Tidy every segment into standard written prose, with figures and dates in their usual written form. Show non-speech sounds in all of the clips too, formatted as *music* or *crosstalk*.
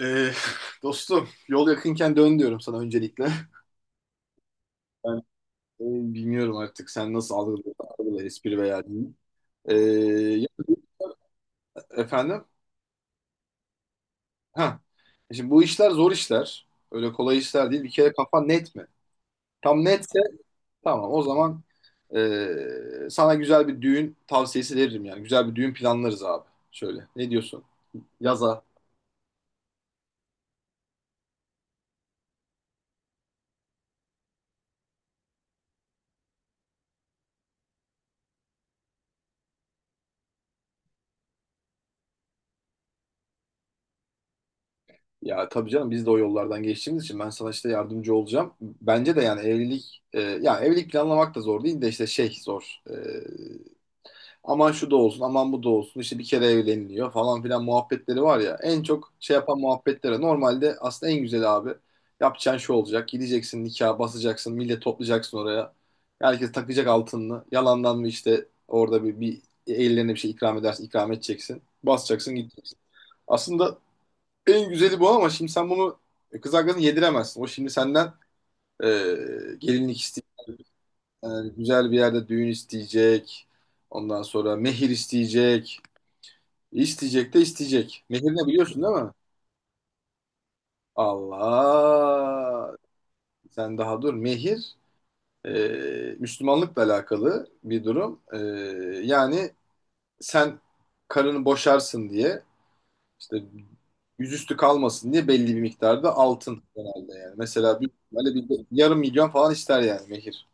Ee, *laughs* dostum yol yakınken dön diyorum sana öncelikle. Ben e, bilmiyorum artık sen nasıl algılıyorsun, algıla espri veya değil. Ee, ya- Efendim? Ha. Şimdi bu işler zor işler. Öyle kolay işler değil. Bir kere kafan net mi? Tam netse tamam o zaman sana güzel bir düğün tavsiyesi veririm yani. Güzel bir düğün planlarız abi. Şöyle. Ne diyorsun? Yaza. Ya tabii canım, biz de o yollardan geçtiğimiz için ben sana işte yardımcı olacağım. Bence de yani evlilik, ya evlilik planlamak da zor değil de işte şey zor. Aman şu da olsun, aman bu da olsun, işte bir kere evleniliyor falan filan muhabbetleri var ya. En çok şey yapan muhabbetlere normalde aslında en güzeli abi. Yapacağın şu olacak. Gideceksin nikaha basacaksın, millet toplayacaksın oraya. Herkes takacak altınını. Yalandan mı işte orada bir ellerine bir şey ikram edersin, ikram edeceksin. Basacaksın, gideceksin. Aslında en güzeli bu, ama şimdi sen bunu kız arkadaşına yediremezsin. O şimdi senden e, gelinlik isteyecek, yani güzel bir yerde düğün isteyecek. Ondan sonra mehir isteyecek. İsteyecek de isteyecek. Mehir, ne biliyorsun değil mi? Allah! Sen daha dur. Mehir e, Müslümanlıkla alakalı bir durum. Yani sen karını boşarsın diye, İşte yüzüstü kalmasın diye belli bir miktarda altın genelde yani. Mesela bir, böyle bir 500.000 falan ister yani mehir.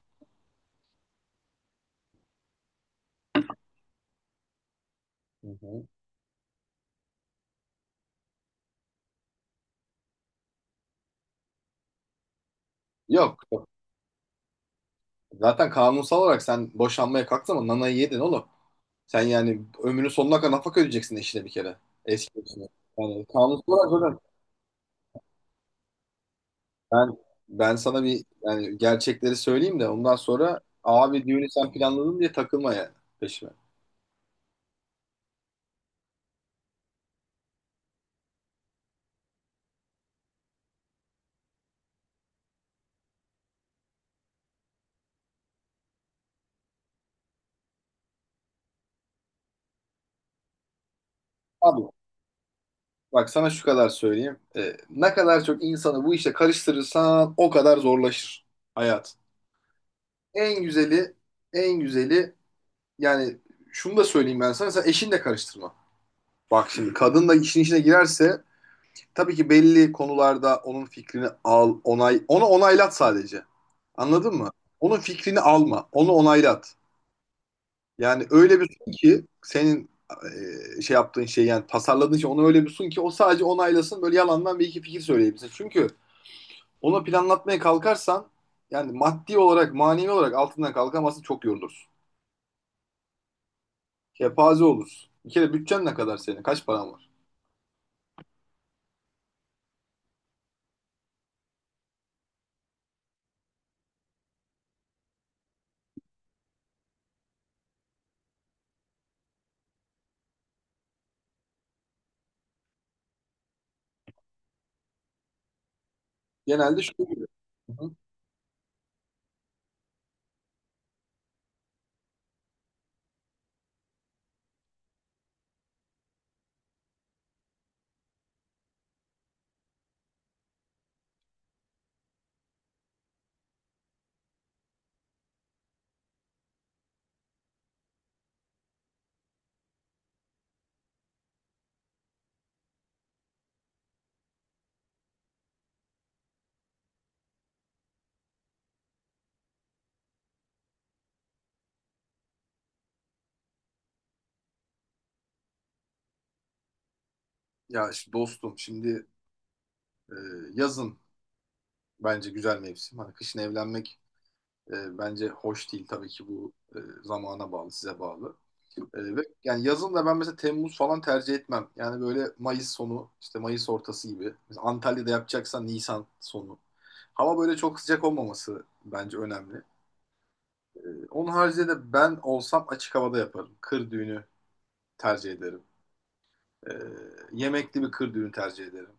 Hı hı. Yok, yok. Zaten kanunsal olarak sen boşanmaya kalktın ama nanayı yedin oğlum. Sen yani ömrünün sonuna kadar nafaka ödeyeceksin eşine bir kere. Eski eşine. Yani kanunsal olarak zaten ben sana bir, yani gerçekleri söyleyeyim de ondan sonra abi düğünü sen planladın diye takılma yani peşime. Abi, bak sana şu kadar söyleyeyim. Ne kadar çok insanı bu işe karıştırırsan o kadar zorlaşır hayat. En güzeli, en güzeli yani şunu da söyleyeyim ben sana. Sen eşinle karıştırma. Bak şimdi, kadın da işin içine girerse tabii ki belli konularda onun fikrini al, onay, onu onaylat sadece. Anladın mı? Onun fikrini alma, onu onaylat. Yani öyle bir sun ki senin şey yaptığın şey, yani tasarladığın şey, onu öyle bir sun ki o sadece onaylasın, böyle yalandan bir iki fikir söyleyebilsin. Çünkü onu planlatmaya kalkarsan yani maddi olarak, manevi olarak altından kalkamazsın, çok yorulursun. Kepaze olursun. Bir kere bütçen ne kadar senin? Kaç paran var? Genelde şu oluyor. Hı hı. Ya işte dostum şimdi e, yazın bence güzel mevsim. Hani kışın evlenmek bence hoş değil, tabii ki bu zamana bağlı, size bağlı. Ve yani yazın da ben mesela Temmuz falan tercih etmem. Yani böyle Mayıs sonu, işte Mayıs ortası gibi. Mesela Antalya'da yapacaksan Nisan sonu. Hava böyle çok sıcak olmaması bence önemli. Onun haricinde de ben olsam açık havada yaparım. Kır düğünü tercih ederim. Ee, Yemekli bir kır düğünü tercih ederim.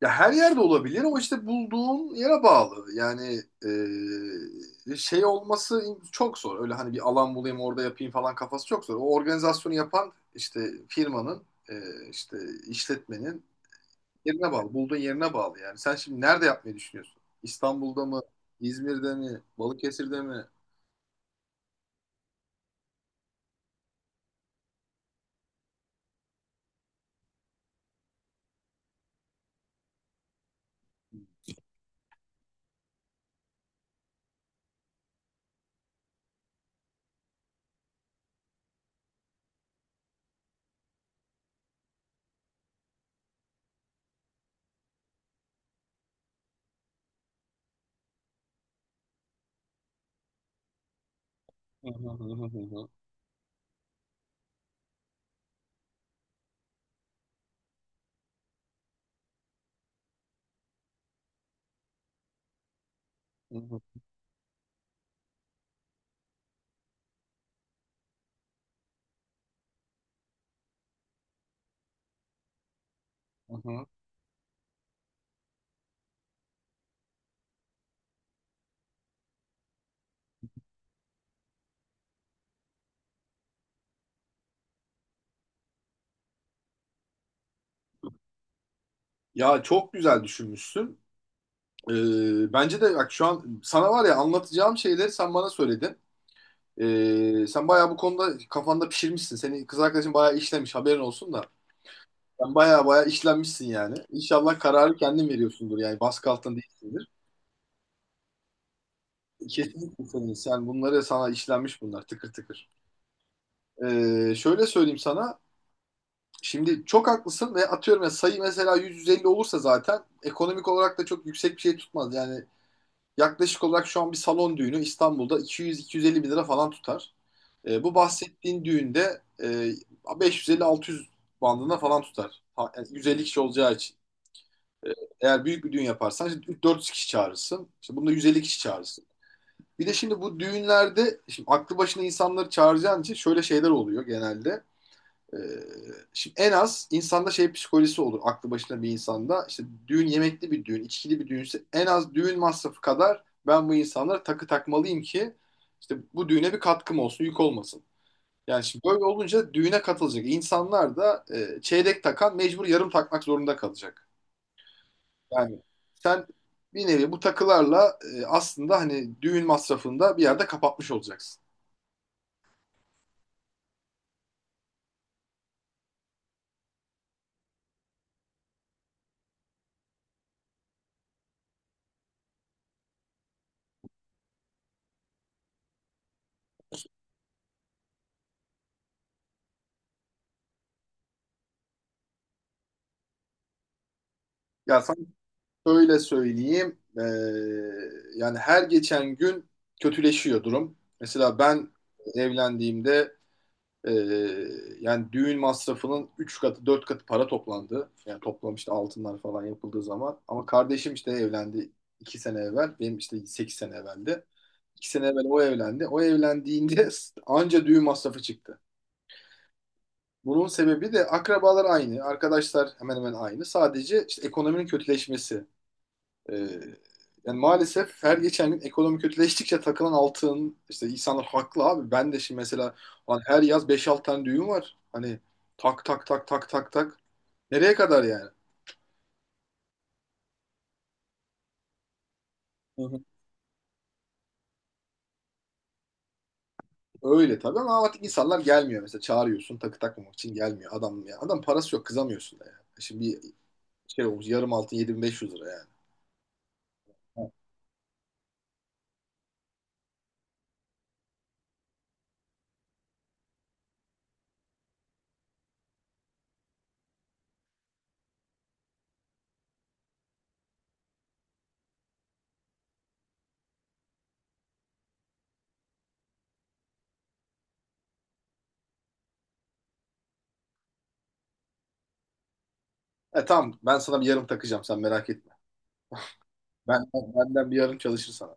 Ya her yerde olabilir ama işte bulduğun yere bağlı. Yani şey olması çok zor. Öyle hani bir alan bulayım orada yapayım falan kafası çok zor. O organizasyonu yapan işte firmanın, ee, işte işletmenin yerine bağlı. Bulduğun yerine bağlı yani. Sen şimdi nerede yapmayı düşünüyorsun? İstanbul'da mı? İzmir'de mi? Balıkesir'de mi? *laughs* Ya çok güzel düşünmüşsün. Bence de bak, şu an sana var ya anlatacağım şeyleri sen bana söyledin. Sen bayağı bu konuda kafanda pişirmişsin. Senin kız arkadaşın bayağı işlemiş, haberin olsun da. Sen bayağı bayağı işlenmişsin yani. İnşallah kararı kendin veriyorsundur yani, baskı altında değilsindir. Kesinlikle senin. Sen bunları, sana işlenmiş bunlar tıkır tıkır. Şöyle söyleyeyim sana. Şimdi çok haklısın ve atıyorum ya, sayı mesela 150 olursa zaten ekonomik olarak da çok yüksek bir şey tutmaz. Yani yaklaşık olarak şu an bir salon düğünü İstanbul'da 200-250 bin lira falan tutar. Bu bahsettiğin düğünde 550-600 bandına falan tutar. Ha, yani 150 kişi olacağı için. E, Eğer büyük bir düğün yaparsan işte 400 kişi çağırırsın. İşte bunda 150 kişi çağırırsın. Bir de şimdi bu düğünlerde, şimdi aklı başına insanları çağıracağın için şöyle şeyler oluyor genelde. Ee, Şimdi en az insanda şey psikolojisi olur. Aklı başında bir insanda işte düğün, yemekli bir düğün, içkili bir düğünse, en az düğün masrafı kadar ben bu insanlara takı takmalıyım ki işte bu düğüne bir katkım olsun, yük olmasın. Yani şimdi böyle olunca düğüne katılacak insanlar da çeyrek takan mecbur yarım takmak zorunda kalacak. Yani sen bir nevi bu takılarla aslında hani düğün masrafını da bir yerde kapatmış olacaksın. Ya sen, şöyle söyleyeyim, yani her geçen gün kötüleşiyor durum. Mesela ben evlendiğimde eee, yani düğün masrafının 3 katı 4 katı para toplandı. Yani toplam işte altınlar falan yapıldığı zaman. Ama kardeşim işte evlendi 2 sene evvel. Benim işte 8 sene evveldi. iki sene evvel o evlendi. O evlendiğinde *laughs* anca düğün masrafı çıktı. Bunun sebebi de akrabalar aynı, arkadaşlar hemen hemen aynı. Sadece işte ekonominin kötüleşmesi. Ee, Yani maalesef her geçen gün ekonomi kötüleştikçe takılan altın, işte insanlar haklı abi. Ben de şimdi mesela hani her yaz beş altı tane düğün var. Hani tak tak tak tak tak tak. Nereye kadar yani? Hı hı. Öyle tabii ama artık insanlar gelmiyor mesela, çağırıyorsun takı takmamak için gelmiyor adam ya. Adam parası yok, kızamıyorsun da yani. Şimdi bir şey olmuş, yarım altın 7.500 lira yani. E tamam, ben sana bir yarım takacağım, sen merak etme. Benden bir yarım çalışır sana.